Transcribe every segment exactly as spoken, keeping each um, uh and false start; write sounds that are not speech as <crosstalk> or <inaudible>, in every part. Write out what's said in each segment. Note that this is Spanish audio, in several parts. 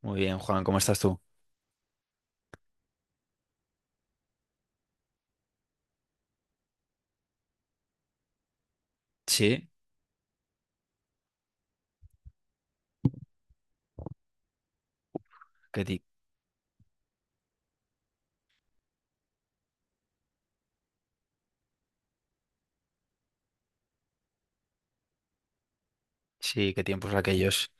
Muy bien, Juan, ¿cómo estás tú? Sí, qué ti- sí, qué tiempos aquellos.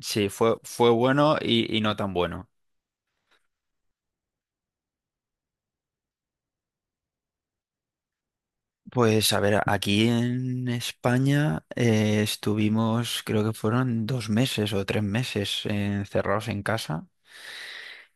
Sí, fue, fue bueno y, y no tan bueno. Pues a ver, aquí en España eh, estuvimos, creo que fueron dos meses o tres meses eh, encerrados en casa.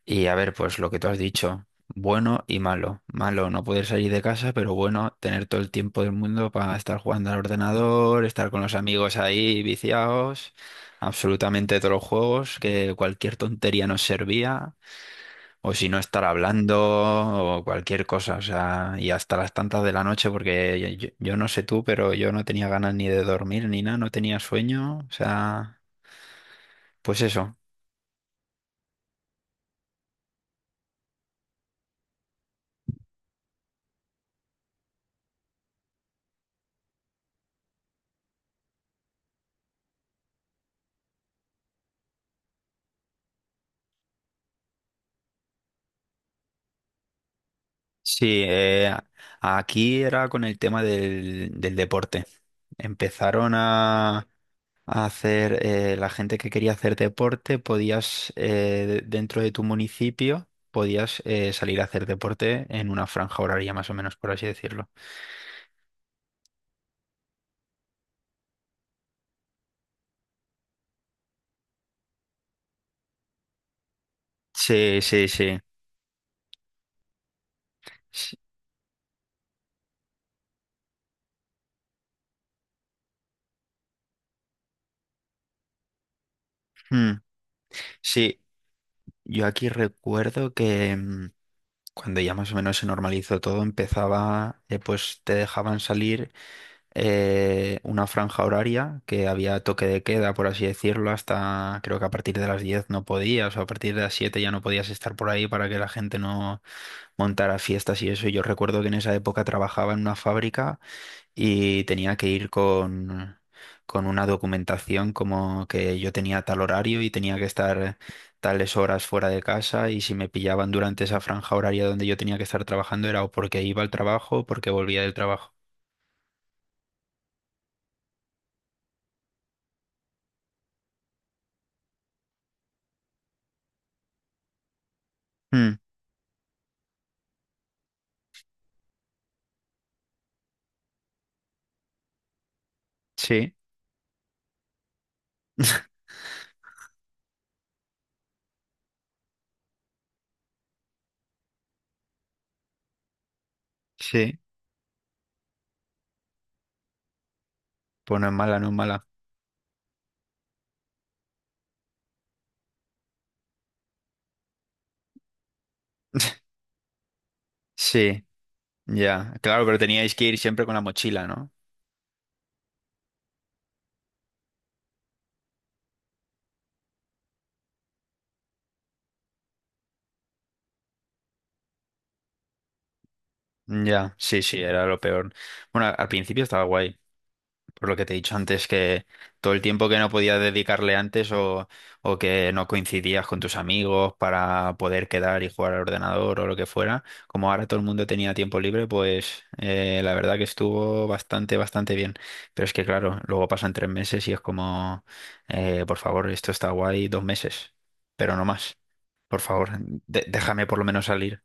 Y a ver, pues lo que tú has dicho, bueno y malo. Malo no poder salir de casa, pero bueno, tener todo el tiempo del mundo para estar jugando al ordenador, estar con los amigos ahí viciados, absolutamente todos los juegos, que cualquier tontería nos servía, o si no estar hablando, o cualquier cosa, o sea, y hasta las tantas de la noche, porque yo, yo no sé tú, pero yo no tenía ganas ni de dormir ni nada, no tenía sueño, o sea, pues eso. Sí, eh, aquí era con el tema del, del deporte. Empezaron a, a hacer, eh, la gente que quería hacer deporte, podías, eh, de- dentro de tu municipio, podías eh, salir a hacer deporte en una franja horaria, más o menos, por así decirlo. Sí, sí, sí. Sí, mm, sí. Yo aquí recuerdo que mm, cuando ya más o menos se normalizó todo, empezaba, eh, pues te dejaban salir eh, una franja horaria que había toque de queda, por así decirlo, hasta creo que a partir de las diez no podías, o a partir de las siete ya no podías estar por ahí para que la gente no montara fiestas y eso. Y yo recuerdo que en esa época trabajaba en una fábrica y tenía que ir con, con una documentación como que yo tenía tal horario y tenía que estar tales horas fuera de casa y si me pillaban durante esa franja horaria donde yo tenía que estar trabajando era o porque iba al trabajo o porque volvía del trabajo. Mm, sí. Sí, pues no es mala, no es mala. Sí, ya. Claro, pero teníais que ir siempre con la mochila, ¿no? Ya, sí, sí, era lo peor. Bueno, al principio estaba guay. Por lo que te he dicho antes, que todo el tiempo que no podías dedicarle antes o, o que no coincidías con tus amigos para poder quedar y jugar al ordenador o lo que fuera, como ahora todo el mundo tenía tiempo libre, pues eh, la verdad que estuvo bastante, bastante bien. Pero es que claro, luego pasan tres meses y es como, eh, por favor, esto está guay dos meses, pero no más. Por favor, de- déjame por lo menos salir.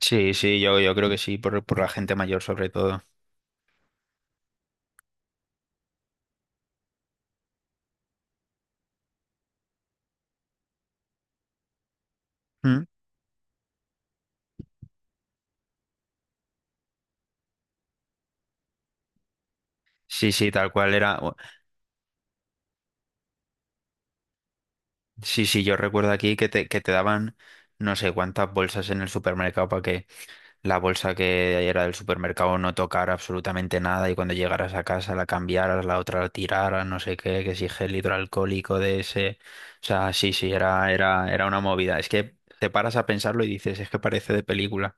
Sí, sí, yo, yo creo que sí, por, por la gente mayor sobre todo. Mm. Sí, sí, tal cual era. Sí, sí, yo recuerdo aquí que te, que te daban no sé cuántas bolsas en el supermercado para que la bolsa que era del supermercado no tocara absolutamente nada y cuando llegaras a casa la cambiaras, la otra la tiraras, no sé qué, que si gel hidroalcohólico de ese. O sea, sí, sí, era, era, era una movida. Es que te paras a pensarlo y dices, es que parece de película.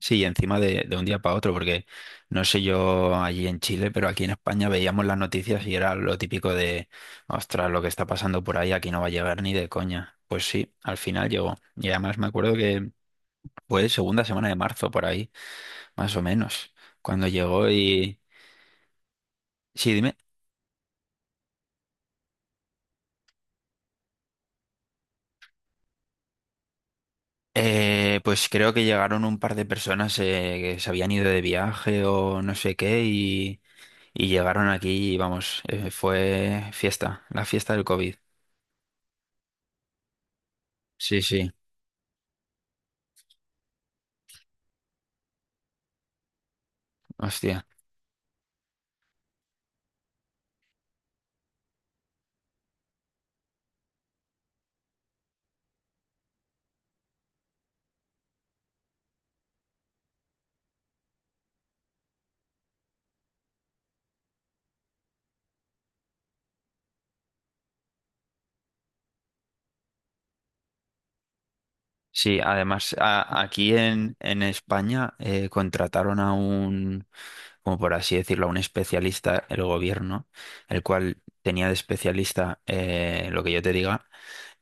Sí, encima de, de un día para otro, porque no sé yo allí en Chile, pero aquí en España veíamos las noticias y era lo típico de, ostras, lo que está pasando por ahí, aquí no va a llegar ni de coña. Pues sí, al final llegó. Y además me acuerdo que fue segunda semana de marzo por ahí, más o menos, cuando llegó y... Sí, dime. Eh, pues creo que llegaron un par de personas eh, que se habían ido de viaje o no sé qué y, y llegaron aquí y vamos, eh, fue fiesta, la fiesta del COVID. Sí, sí. Hostia. Sí, además a- aquí en, en España eh, contrataron a un, como por así decirlo, a un especialista, el gobierno, el cual tenía de especialista eh, lo que yo te diga,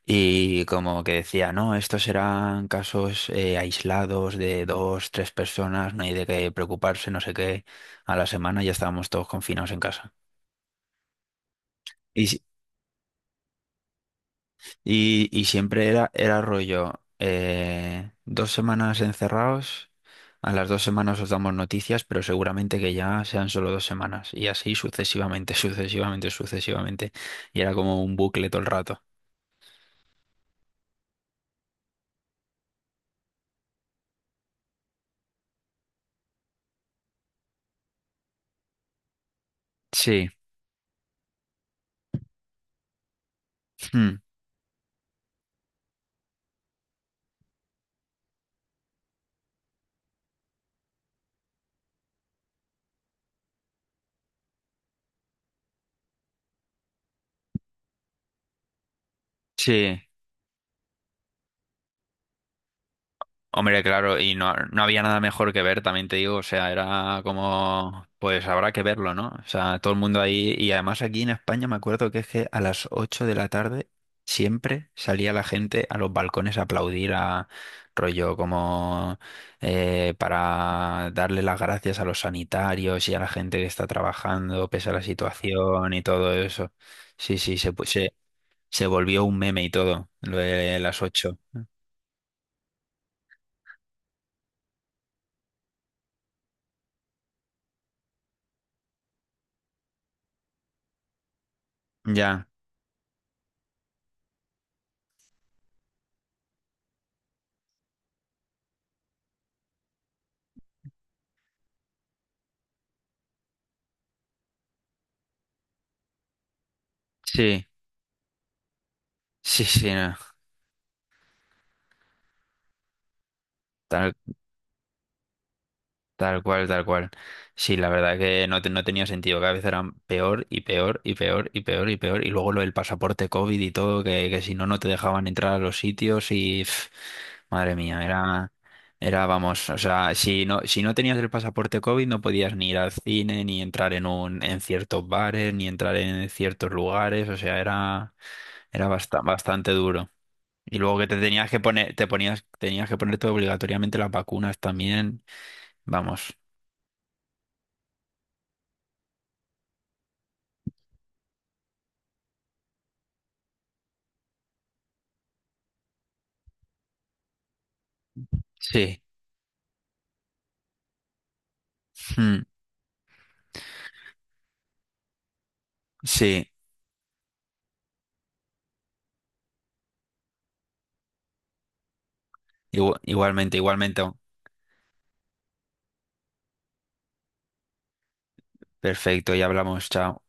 y como que decía, no, estos serán casos eh, aislados de dos, tres personas, no hay de qué preocuparse, no sé qué. A la semana ya estábamos todos confinados en casa. Y, si, Y, y siempre era, era rollo, eh, dos semanas encerrados, a las dos semanas os damos noticias, pero seguramente que ya sean solo dos semanas. Y así sucesivamente, <laughs> sucesivamente, sucesivamente. Y era como un bucle todo el rato. Sí, mm, sí. Hombre, claro, y no, no había nada mejor que ver, también te digo, o sea, era como, pues habrá que verlo, ¿no? O sea, todo el mundo ahí, y además aquí en España me acuerdo que es que a las ocho de la tarde siempre salía la gente a los balcones a aplaudir a rollo como eh, para darle las gracias a los sanitarios y a la gente que está trabajando pese a la situación y todo eso. Sí, sí, se, pu- se, se volvió un meme y todo, lo de las ocho. Ya, sí. Sí, sí, no, Tal, tal cual, tal cual. Sí, la verdad que no, te- no tenía sentido. Cada vez eran peor y peor y peor y peor y peor. Y luego lo del pasaporte COVID y todo, que, que si no, no te dejaban entrar a los sitios y... pf, madre mía, era... Era, vamos, o sea, si no, si no tenías el pasaporte COVID no podías ni ir al cine, ni entrar en un, en ciertos bares, ni entrar en ciertos lugares, o sea, era, era basta- bastante duro. Y luego que te tenías que poner, te ponías, tenías que ponerte obligatoriamente las vacunas también. Vamos. Sí. Mm, sí. Igu- igualmente, igualmente. Perfecto, ya hablamos, chao.